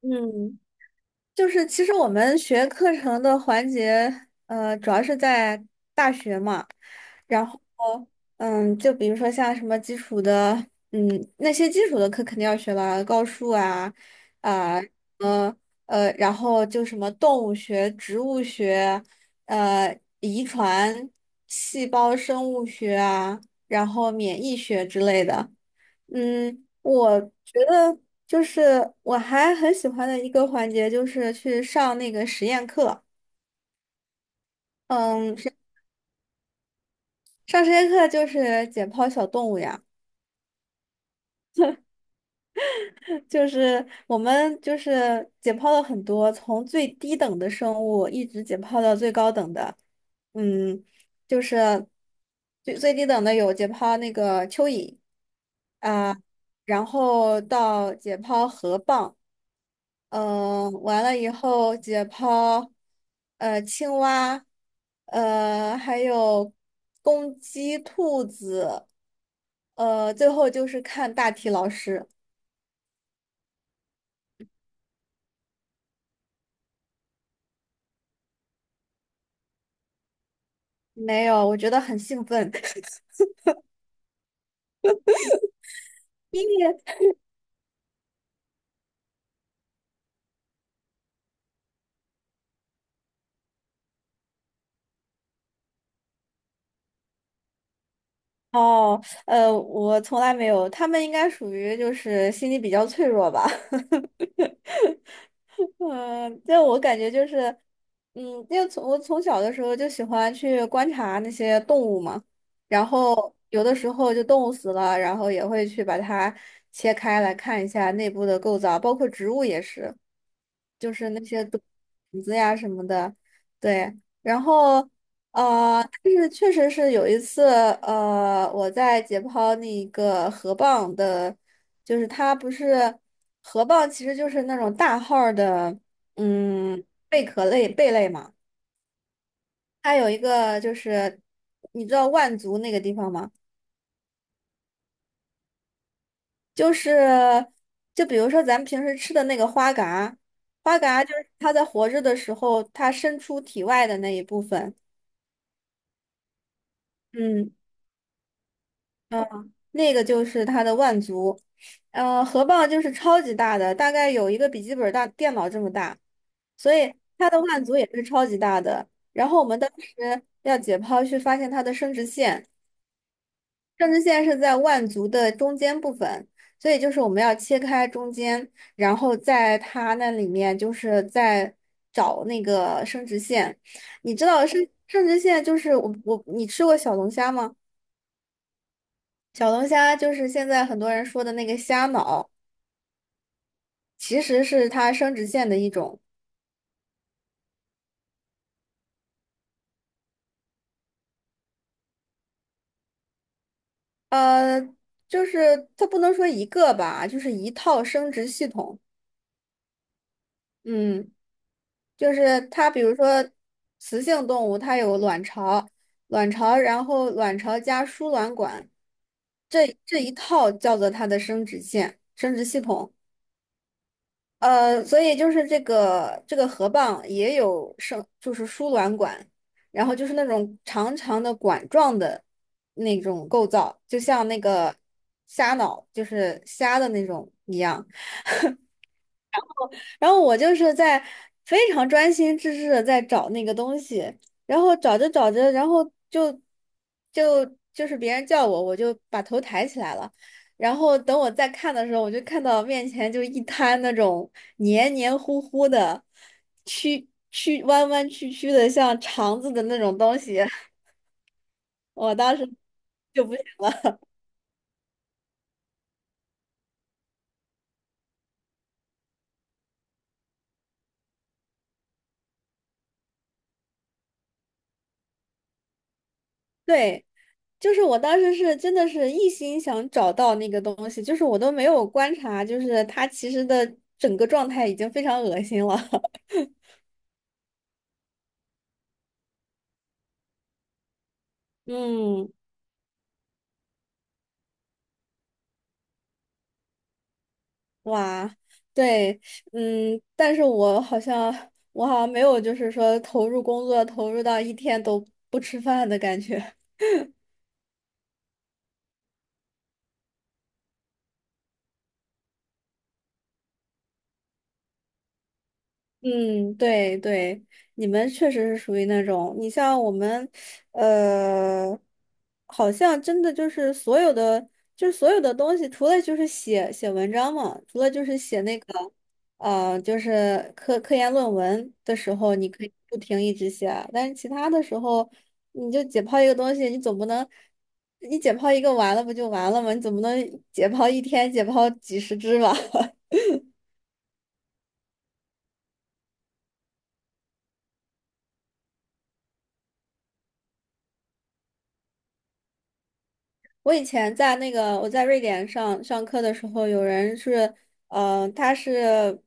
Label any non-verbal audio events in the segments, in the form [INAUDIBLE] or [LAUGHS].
嗯，就是其实我们学课程的环节，主要是在大学嘛，然后，就比如说像什么基础的，嗯，那些基础的课肯定要学了，高数啊，啊、呃，然后就什么动物学、植物学，遗传、细胞生物学啊，然后免疫学之类的。我觉得就是我还很喜欢的一个环节就是去上那个实验课。嗯，是。上实验课就是解剖小动物呀，就是我们就是解剖了很多，从最低等的生物一直解剖到最高等的。嗯，就是最最低等的有解剖那个蚯蚓啊，然后到解剖河蚌。完了以后解剖，青蛙，还有公鸡、兔子，最后就是看大体老师。没有，我觉得很兴奋。[LAUGHS] 因为哦，我从来没有，他们应该属于就是心理比较脆弱吧。嗯，就我感觉就是，嗯，因为从我从小的时候就喜欢去观察那些动物嘛，然后有的时候就动物死了，然后也会去把它切开来看一下内部的构造，包括植物也是，就是那些种子呀什么的，对，然后但是确实是有一次，我在解剖那个河蚌的。就是它不是河蚌，其实就是那种大号儿的，嗯，贝壳类贝类嘛。它有一个就是，你知道万族那个地方吗？就是，就比如说咱们平时吃的那个花蛤，花蛤就是它在活着的时候，它伸出体外的那一部分。嗯。那个就是它的腕足，河蚌就是超级大的，大概有一个笔记本大电脑这么大，所以它的腕足也是超级大的。然后我们当时要解剖去发现它的生殖腺，生殖腺是在腕足的中间部分，所以就是我们要切开中间，然后在它那里面就是在找那个生殖腺。你知道生殖腺就是你吃过小龙虾吗？小龙虾就是现在很多人说的那个虾脑。其实是它生殖腺的一种，呃，就是它不能说一个吧，就是一套生殖系统。嗯，就是它，比如说雌性动物，它有卵巢，然后卵巢加输卵管，这一套叫做它的生殖腺、生殖系统。所以就是这个河蚌也有就是输卵管，然后就是那种长长的管状的那种构造，就像那个虾脑，就是虾的那种一样。然后我就是在非常专心致志的在找那个东西，然后找着找着，然后就就就是别人叫我，我就把头抬起来了。然后等我再看的时候，我就看到面前就一滩那种黏黏糊糊的、曲曲弯弯曲曲的，像肠子的那种东西。[LAUGHS] 我当时。就不。对，就是我当时是真的是一心想找到那个东西，就是我都没有观察，就是他其实的整个状态已经非常恶心了。[LAUGHS] 嗯，哇，对，但是我好像没有就是说投入工作投入到一天都不吃饭的感觉。嗯，对对，你们确实是属于那种，你像我们，呃，好像真的就是所有的，东西，除了就是写写文章嘛，除了就是写那个，就是科研论文的时候，你可以不停一直写啊，但是其他的时候，你就解剖一个东西，你总不能，你解剖一个完了不就完了吗？你总不能解剖一天解剖几十只吧？[LAUGHS] 我以前在那个我在瑞典上课的时候，有人是，他是，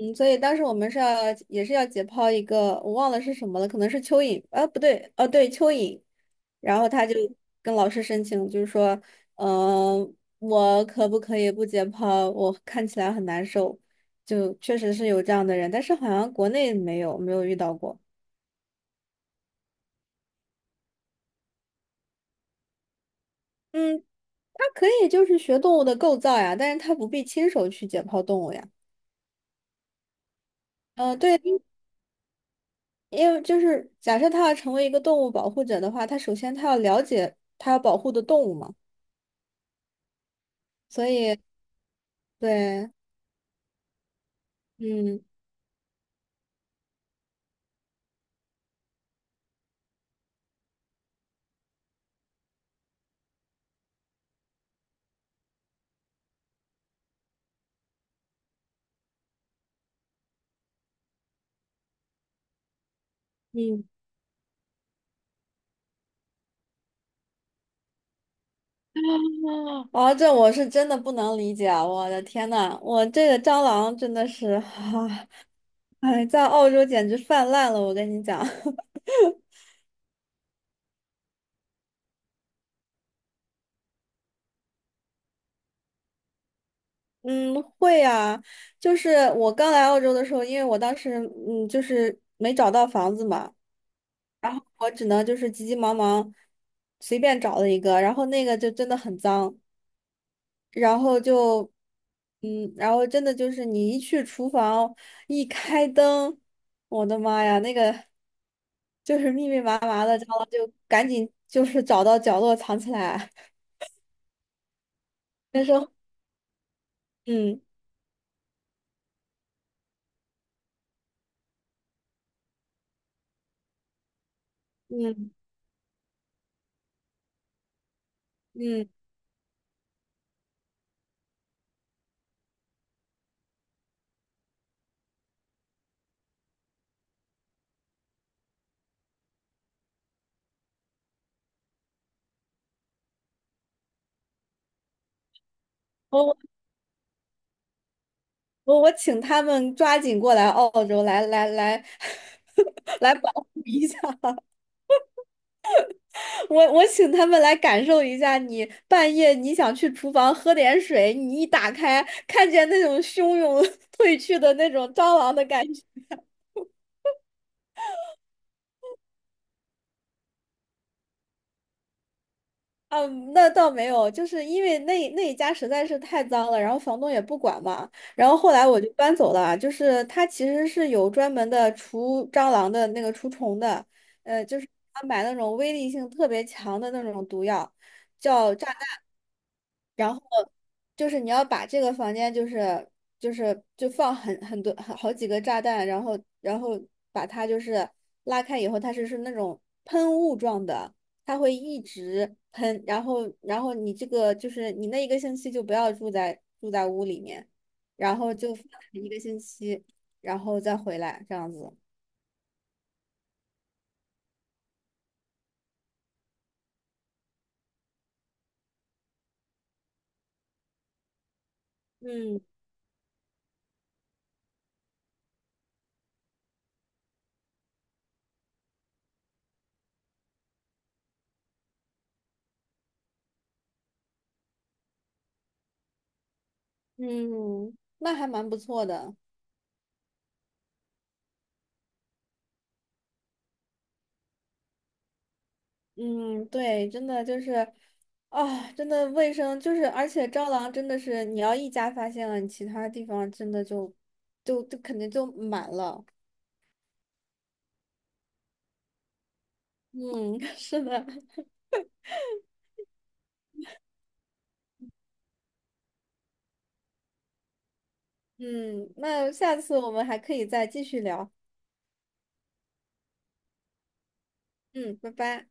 嗯，所以当时我们是要也是要解剖一个，我忘了是什么了，可能是蚯蚓，啊，不对，哦，对，蚯蚓，然后他就跟老师申请，就是说，嗯、我可不可以不解剖？我看起来很难受，就确实是有这样的人，但是好像国内没有没有遇到过。嗯，他可以就是学动物的构造呀，但是他不必亲手去解剖动物呀。对，因为就是假设他要成为一个动物保护者的话，他首先他要了解他要保护的动物嘛，所以对，嗯嗯，哦，这我是真的不能理解啊，我的天呐，我这个蟑螂真的是，啊，哎，在澳洲简直泛滥了，我跟你讲。[LAUGHS] 嗯，会啊，就是我刚来澳洲的时候，因为我当时就是没找到房子嘛，然后我只能就是急急忙忙随便找了一个，然后那个就真的很脏，然后就，然后真的就是你一去厨房，一开灯，我的妈呀，那个就是密密麻麻的，然后就赶紧就是找到角落藏起来。那时候，嗯嗯嗯，我我请他们抓紧过来澳洲来来来 [LAUGHS] 来保护一下。我请他们来感受一下你，半夜你想去厨房喝点水，你一打开看见那种汹涌 [LAUGHS] 退去的那种蟑螂的感觉。啊，那倒没有，就是因为那一家实在是太脏了，然后房东也不管嘛，然后后来我就搬走了啊。就是他其实是有专门的除蟑螂的那个除虫的，就是他买那种威力性特别强的那种毒药，叫炸。就是你要把这个房间就放很多很好几个炸弹，然后把它就是拉开以后，它是那种喷雾状的，它会一直喷，然后你这个就是你那一个星期就不要住在屋里面，然后就放一个星期，然后再回来这样子。嗯嗯，那还蛮不错的。嗯，对，真的就是，啊，真的卫生就是，而且蟑螂真的是，你要一家发现了，你其他地方真的就肯定就满了。嗯，[LAUGHS] 是的，嗯，那下次我们还可以再继续聊。嗯，拜拜。